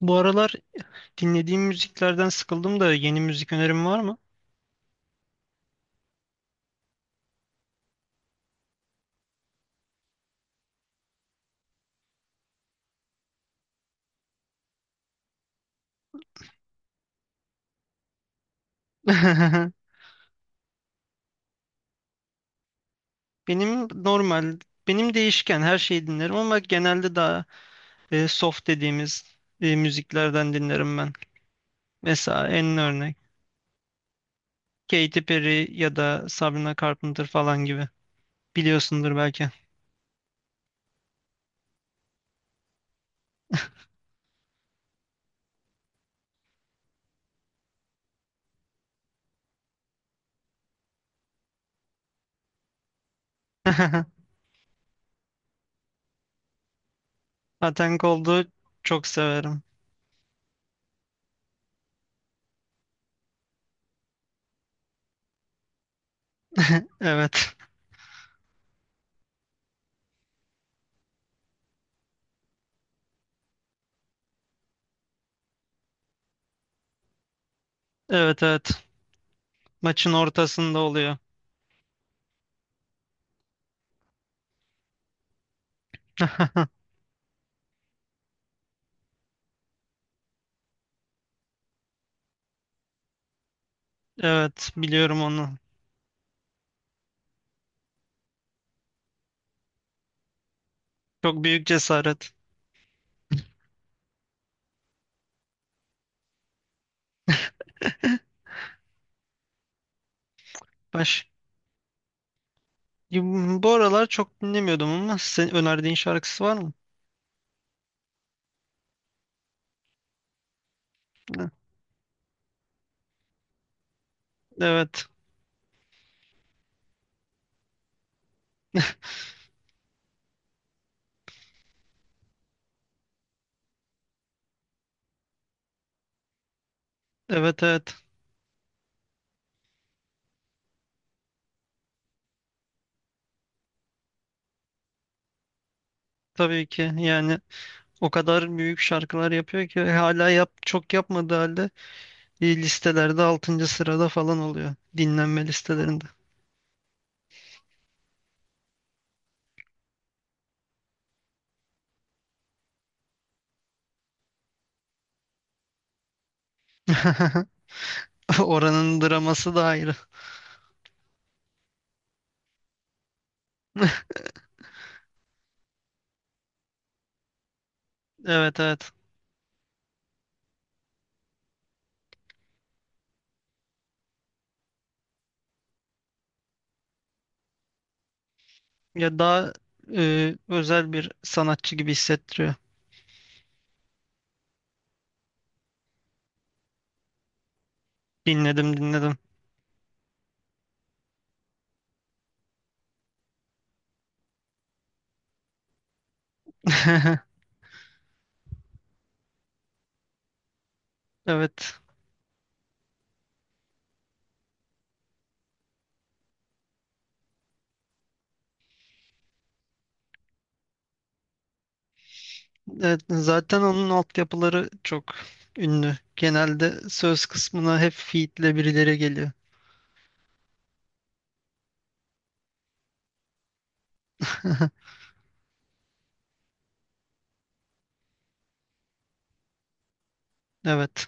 Bu aralar dinlediğim müziklerden sıkıldım da yeni müzik önerim var mı? Benim normal, benim değişken her şeyi dinlerim ama genelde daha soft dediğimiz müziklerden dinlerim ben. Mesela en örnek Katy Perry ya da Sabrina Carpenter falan gibi. Biliyorsundur belki. Aten Cold'u çok severim. Evet. Evet, evet. Maçın ortasında oluyor. Evet, biliyorum onu. Çok büyük cesaret. Baş. Ya, bu aralar çok dinlemiyordum ama senin önerdiğin şarkısı var mı? Ha, evet. Evet, evet. Tabii ki, yani o kadar büyük şarkılar yapıyor ki hala çok yapmadığı halde listelerde altıncı sırada falan oluyor dinlenme listelerinde. Oranın draması da ayrı. Evet, evet. Ya daha özel bir sanatçı gibi hissettiriyor. Dinledim, dinledim. Evet. Evet, zaten onun altyapıları çok ünlü. Genelde söz kısmına hep feed'le birileri geliyor. Evet,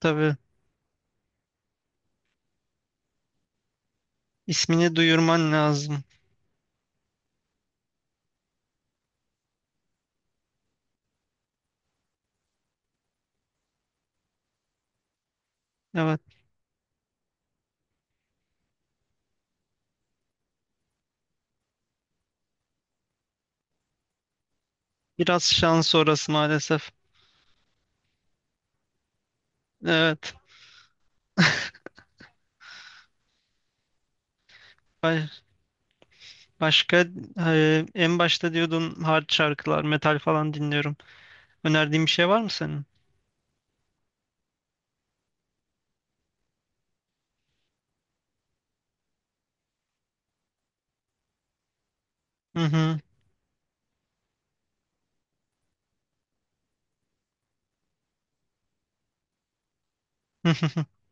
tabii, ismini duyurman lazım. Evet, biraz şans orası maalesef. Evet, ba- başka en başta diyordun hard şarkılar, metal falan dinliyorum. Önerdiğin bir şey var mı senin? Hı hı.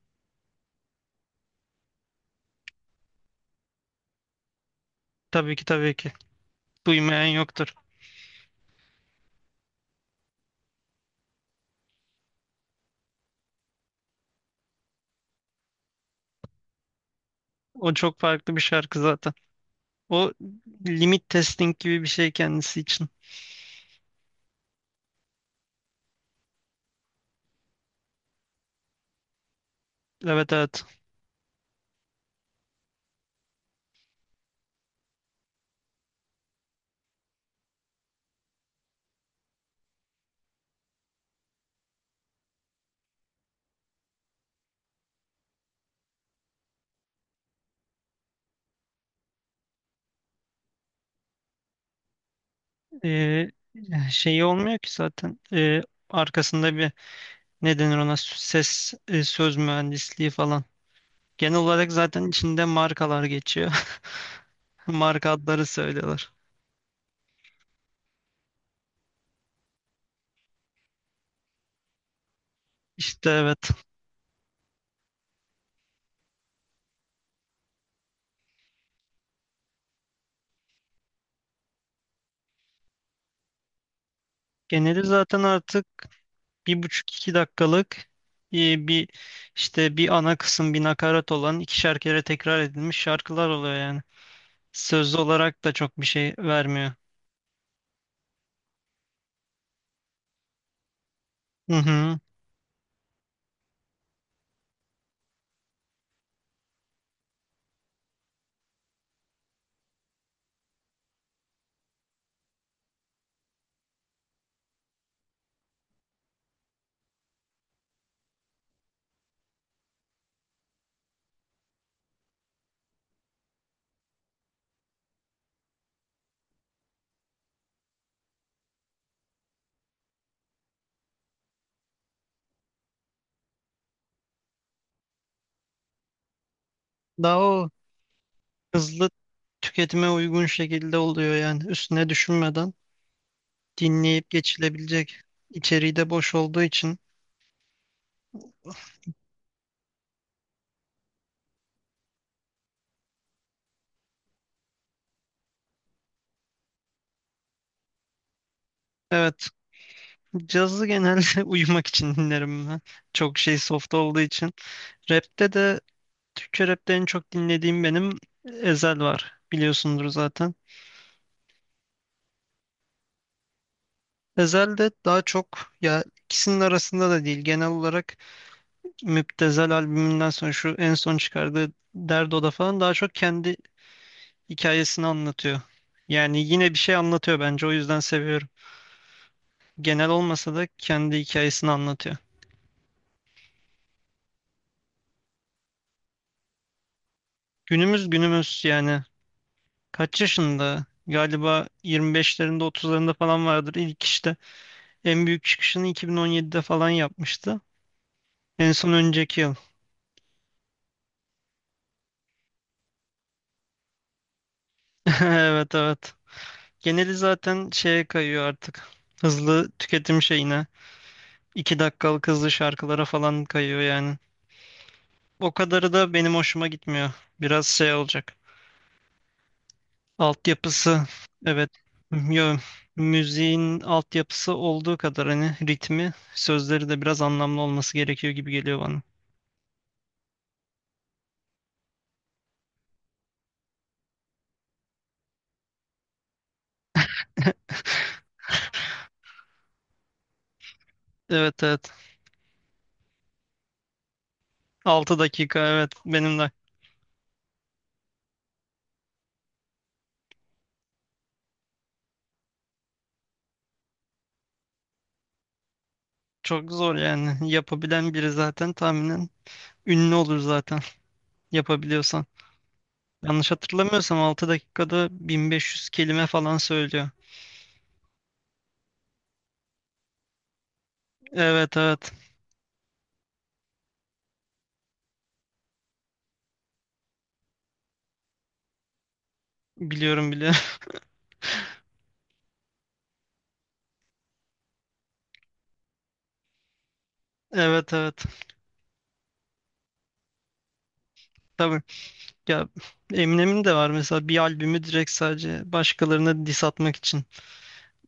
Tabii ki, tabii ki. Duymayan yoktur. O çok farklı bir şarkı zaten. O limit testing gibi bir şey kendisi için. Evet, evet. Ee, Şeyi olmuyor ki zaten, arkasında bir ne denir ona ses, söz mühendisliği falan. Genel olarak zaten içinde markalar geçiyor. Marka adları söylüyorlar. İşte, evet. Geneli zaten artık bir buçuk iki dakikalık e, bir işte bir ana kısım bir nakarat olan 2'şer kere tekrar edilmiş şarkılar oluyor yani. Sözlü olarak da çok bir şey vermiyor. Hı hı. Daha o hızlı tüketime uygun şekilde oluyor yani üstüne düşünmeden dinleyip geçilebilecek içeriği de boş olduğu için evet, cazı genelde uyumak için dinlerim ben çok şey soft olduğu için. Rapte de, Türkçe rapte en çok dinlediğim benim Ezel var, biliyorsundur zaten. Ezel de daha çok, ya, ikisinin arasında da değil, genel olarak Müptezel albümünden sonra şu en son çıkardığı Derdo'da falan daha çok kendi hikayesini anlatıyor. Yani yine bir şey anlatıyor bence, o yüzden seviyorum. Genel olmasa da kendi hikayesini anlatıyor. Günümüz, günümüz, yani kaç yaşında? Galiba 25'lerinde, 30'larında falan vardır ilk işte. En büyük çıkışını 2017'de falan yapmıştı. En son önceki yıl. Evet, evet. Geneli zaten şeye kayıyor artık. Hızlı tüketim şeyine. 2 dakikalık hızlı şarkılara falan kayıyor yani. O kadarı da benim hoşuma gitmiyor. Biraz şey olacak. Altyapısı, evet, yo, müziğin altyapısı olduğu kadar hani ritmi sözleri de biraz anlamlı olması gerekiyor gibi geliyor bana. Evet, evet, 6 dakika, evet, benim de çok zor yani. Yapabilen biri zaten tahminen ünlü olur zaten, yapabiliyorsan. Yanlış hatırlamıyorsam 6 dakikada 1.500 kelime falan söylüyor. Evet, evet, biliyorum, biliyorum. Evet, evet, tabii, ya, Eminem'in de var mesela bir albümü, direkt sadece başkalarına diss atmak için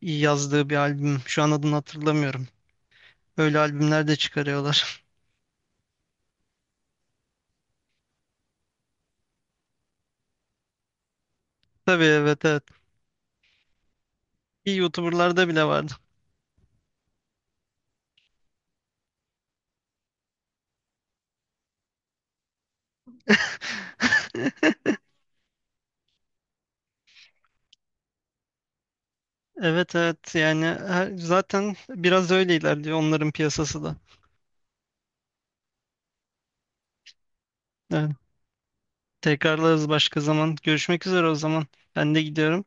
yazdığı bir albüm. Şu an adını hatırlamıyorum. Öyle albümler de çıkarıyorlar. Tabii, evet, evet. İyi YouTuber'larda bile vardı. Evet, evet, yani zaten biraz öyle ilerliyor onların piyasası da. Evet. Tekrarlarız başka zaman. Görüşmek üzere o zaman. Ben de gidiyorum.